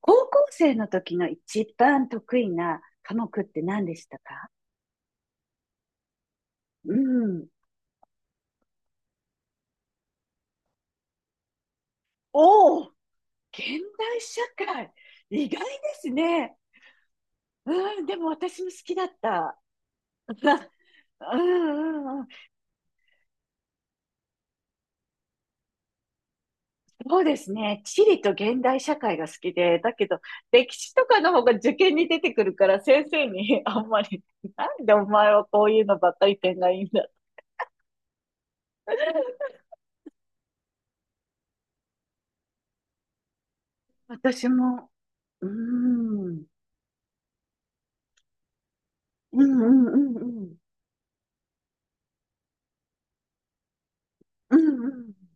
高校生の時の一番得意な科目って何でしたか？うん。おお、現代社会。意外ですね。うん、でも私も好きだった。うんうんうん。そうですね。地理と現代社会が好きで、だけど、歴史とかの方が受験に出てくるから、先生に あんまり、なんでお前はこういうのばっかり点がいいんだ。私も、うん、うんうんうんうん。うんうん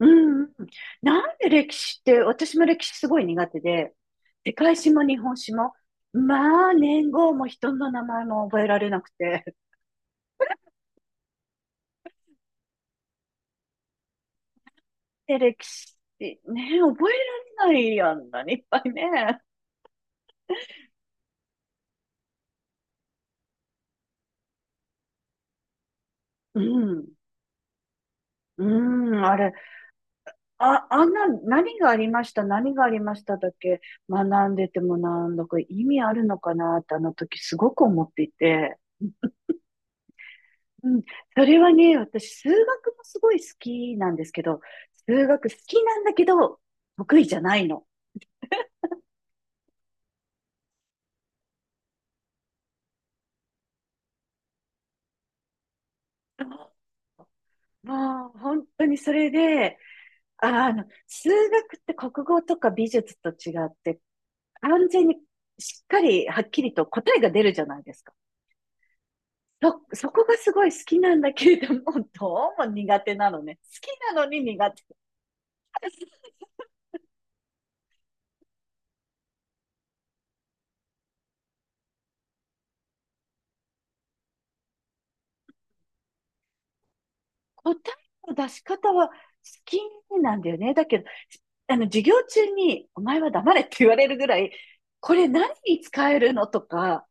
うん。なんで歴史って、私も歴史すごい苦手で、世界史も日本史も、まあ、年号も人の名前も覚えられなくて。で、歴史、ね、覚えられないやんな、何いっぱいね。うん。うん、あれ、あ、あんな、何がありました、何がありましただけ学んでてもなんだか意味あるのかなってあの時すごく思っていて。うん、それはね、私、数学もすごい好きなんですけど、数学好きなんだけど、得意じゃないの。そうもう、本当にそれで、数学って国語とか美術と違って、完全にしっかり、はっきりと答えが出るじゃないですか。そこがすごい好きなんだけれども、どうも苦手なのね。好きなのに苦手。答えの出し方は好きなんだよね。だけど、授業中に、お前は黙れって言われるぐらい、これ何に使えるのとか、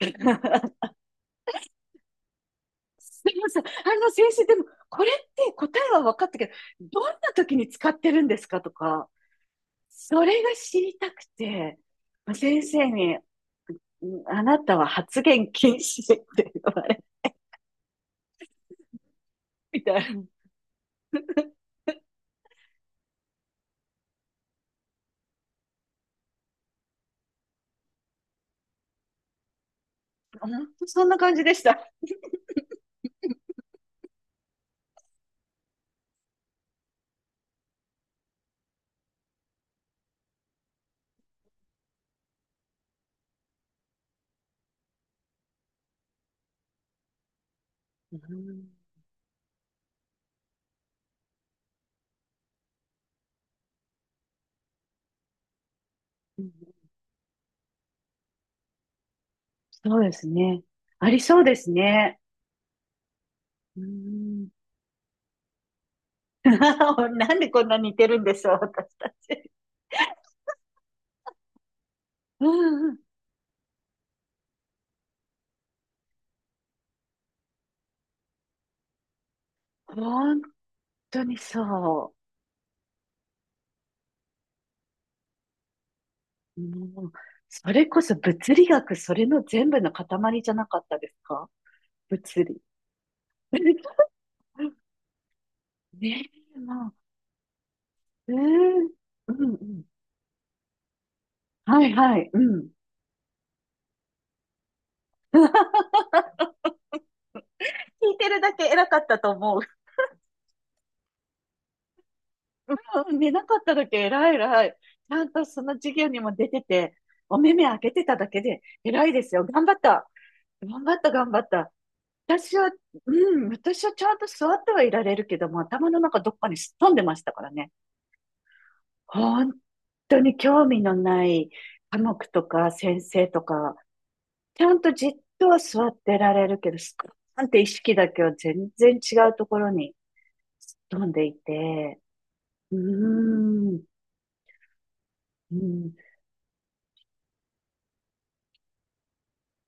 すみません。あの先生、でも、これって答えは分かったけど、どんな時に使ってるんですかとか、それが知りたくて、先生に、あなたは発言禁止って言われ、みたいな。本当そんな感じでした。うん、そうですね。ありそうですね。うーん なんでこんな似てるんでしょう、私たち。うんうん。本当にそう。もう、それこそ物理学、それの全部の塊じゃなかったですか？物理。ねえ、もう、うん。うんうん。はいはい。うん。聞いてるだけ偉かったと思う。うん、寝なかっただけ偉い偉い。ちゃんとその授業にも出てて、お目目開けてただけで偉いですよ。頑張った。頑張った頑張った。私は、うん、私はちゃんと座ってはいられるけども、頭の中どっかにすっ飛んでましたからね。本当に興味のない科目とか先生とか、ちゃんとじっとは座ってられるけど、すっーんって意識だけは全然違うところにすっ飛んでいて、うーん、うん。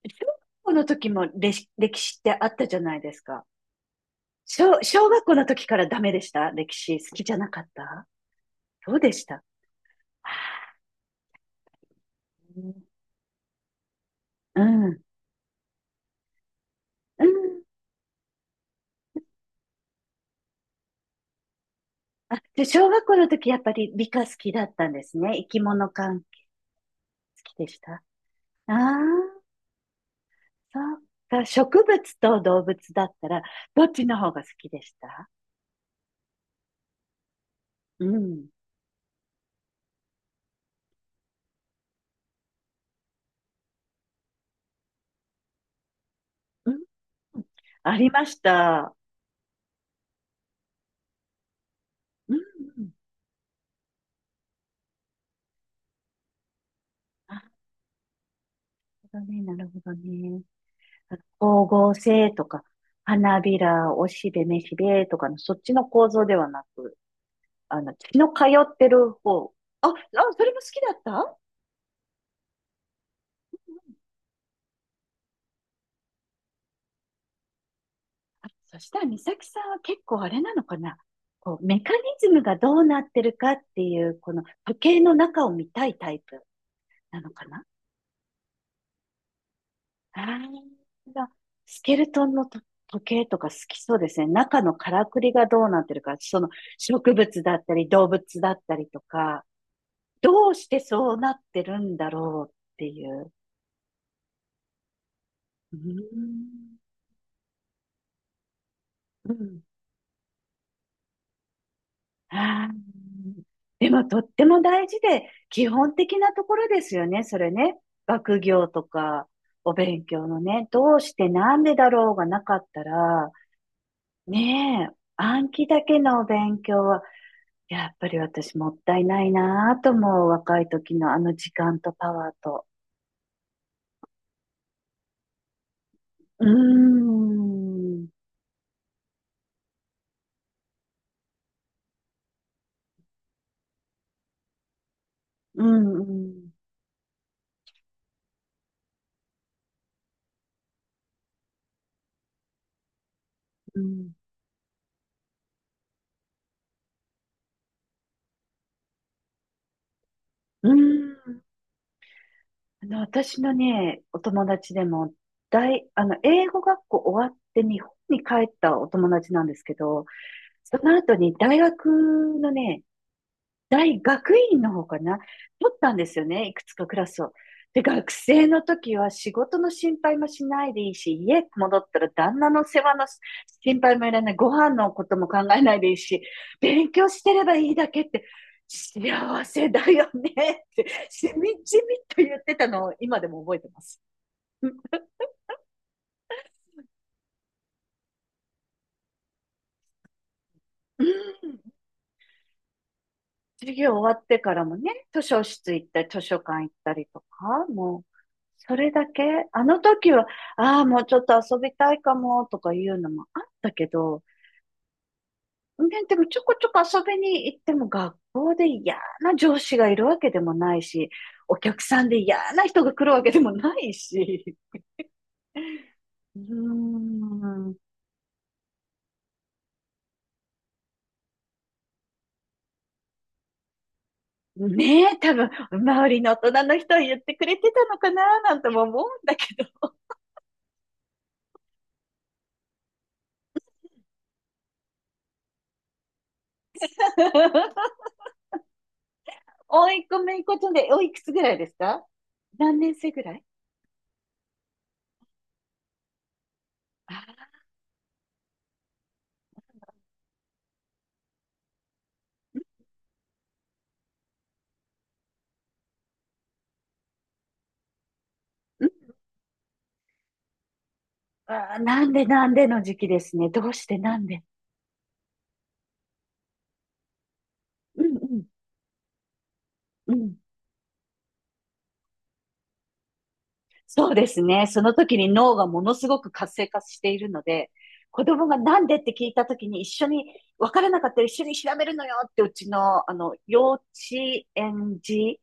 小学校の時も歴史歴史ってあったじゃないですか。小学校の時からダメでした。歴史好きじゃなかった。どうでした？うん。うん。あ、じゃあ小学校の時やっぱり理科好きだったんですね。生き物関係好きでした。ああ、そっか。植物と動物だったら、どっちの方が好きでした？うん。うん。ありました。うん。なるほどね、なるほどね。光合成とか、花びら、おしべ、めしべとかの、そっちの構造ではなく、血の通ってる方。あ、あ、それも好きだった。あ、そしたら、美咲さんは結構あれなのかな？こう、メカニズムがどうなってるかっていう、この時計の中を見たいタイプなのかな？ああ、スケルトンのと時計とか好きそうですね。中のからくりがどうなってるか、その植物だったり動物だったりとか、どうしてそうなってるんだろうっていう。うーん。うん。 あー、でもとっても大事で、基本的なところですよね、それね。学業とか、お勉強のね、どうしてなんでだろうがなかったら、ねえ、暗記だけのお勉強は、やっぱり私もったいないなぁと思う、若い時のあの時間とパワーと。うーん、うん、うん、うん、うん。私のね、お友達でも、大、あの、英語学校終わって日本に帰ったお友達なんですけど、その後に大学のね、大学院の方かな、取ったんですよね、いくつかクラスを。で、学生の時は仕事の心配もしないでいいし、家戻ったら旦那の世話の心配もいらない、ご飯のことも考えないでいいし、勉強してればいいだけって、幸せだよねって、しみじみと言ってたのを今でも覚えてます。うんうん。授業終わってからもね、図書室行ったり、図書館行ったりとか、もう、それだけ、あの時は、ああ、もうちょっと遊びたいかも、とかいうのもあったけど、ね、でもちょこちょこ遊びに行っても学校で嫌な上司がいるわけでもないし、お客さんで嫌な人が来るわけでもないし、うーん、ねえ、多分、周りの大人の人は言ってくれてたのかな、なんとも思うんだけど。おいっ子、めいっ子ちゃんで、おいくつぐらいですか？何年生ぐらい？あ、うん。あー、なんでなんでの時期ですね。どうしてなんで。うんうん、うん。そうですね。その時に脳がものすごく活性化しているので、子供がなんでって聞いた時に一緒に、分からなかったら一緒に調べるのよってうちの、幼稚園児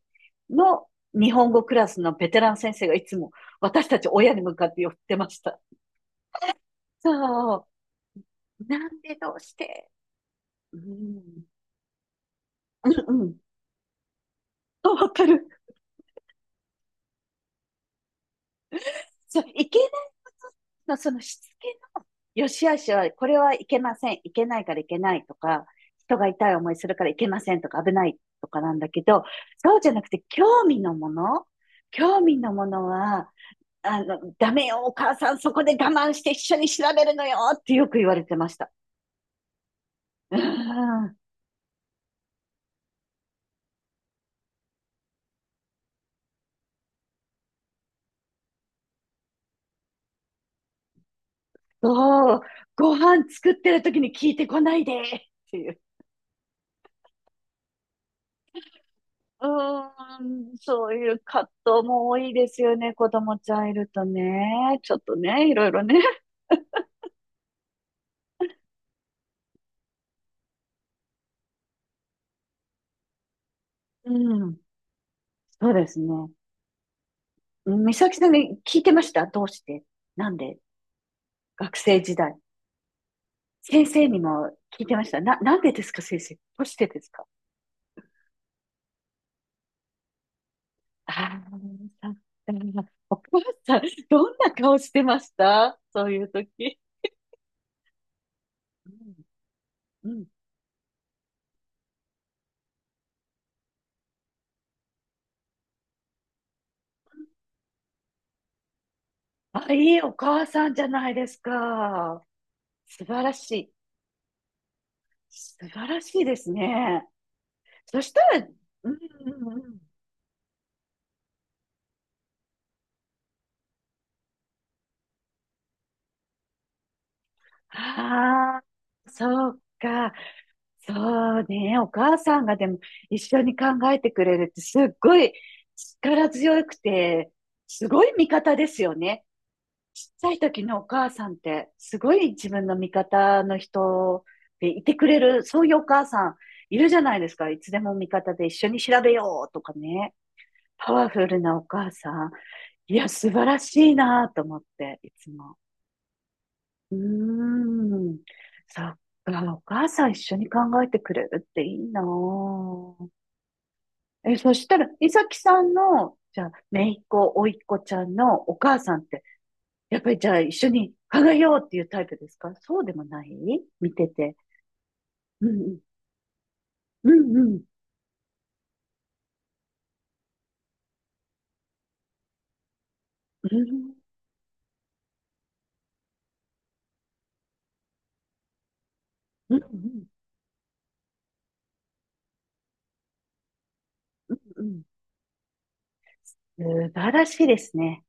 の日本語クラスのベテラン先生がいつも私たち親に向かって寄ってました。そう。なんでどうして。うんうんうん。あ、わかる。そう、いけないことの、そのしつけの、よし悪しは、これはいけません。いけないからいけないとか、人が痛い思いするからいけませんとか、危ないとかなんだけど、そうじゃなくて、興味のものは、ダメよ、お母さん、そこで我慢して一緒に調べるのよってよく言われてました。うん。そう、ご飯作ってる時に聞いてこないでっていう。うーん、そういう葛藤も多いですよね。子供ちゃんいるとね。ちょっとね、いろいろね。うん、そうですね。うん、美咲さんに聞いてました？どうしてなんで、学生時代。先生にも聞いてましたな、なんでですか先生。どうしてですか？ああー、お母さん、どんな顔してました、そういう時？うん、うん。あ、いいお母さんじゃないですか。素晴らしい。素晴らしいですね。そしたら、うんうんうん。ああ、そうか。そうね。お母さんがでも一緒に考えてくれるってすっごい力強くて、すごい味方ですよね。ちっちゃい時のお母さんってすごい自分の味方の人でいてくれる、そういうお母さんいるじゃないですか。いつでも味方で一緒に調べようとかね。パワフルなお母さん。いや、素晴らしいなと思って、いつも。うーん。そっか、お母さん一緒に考えてくれるっていいなぁ。え、そしたら、いさきさんの、じゃあ、姪っ子、甥っ子ちゃんのお母さんって、やっぱりじゃあ一緒に考えようっていうタイプですか、そうでもない、見てて？うんうん。うんうん。うんうん。うんうん。うんうん、素晴らしいですね。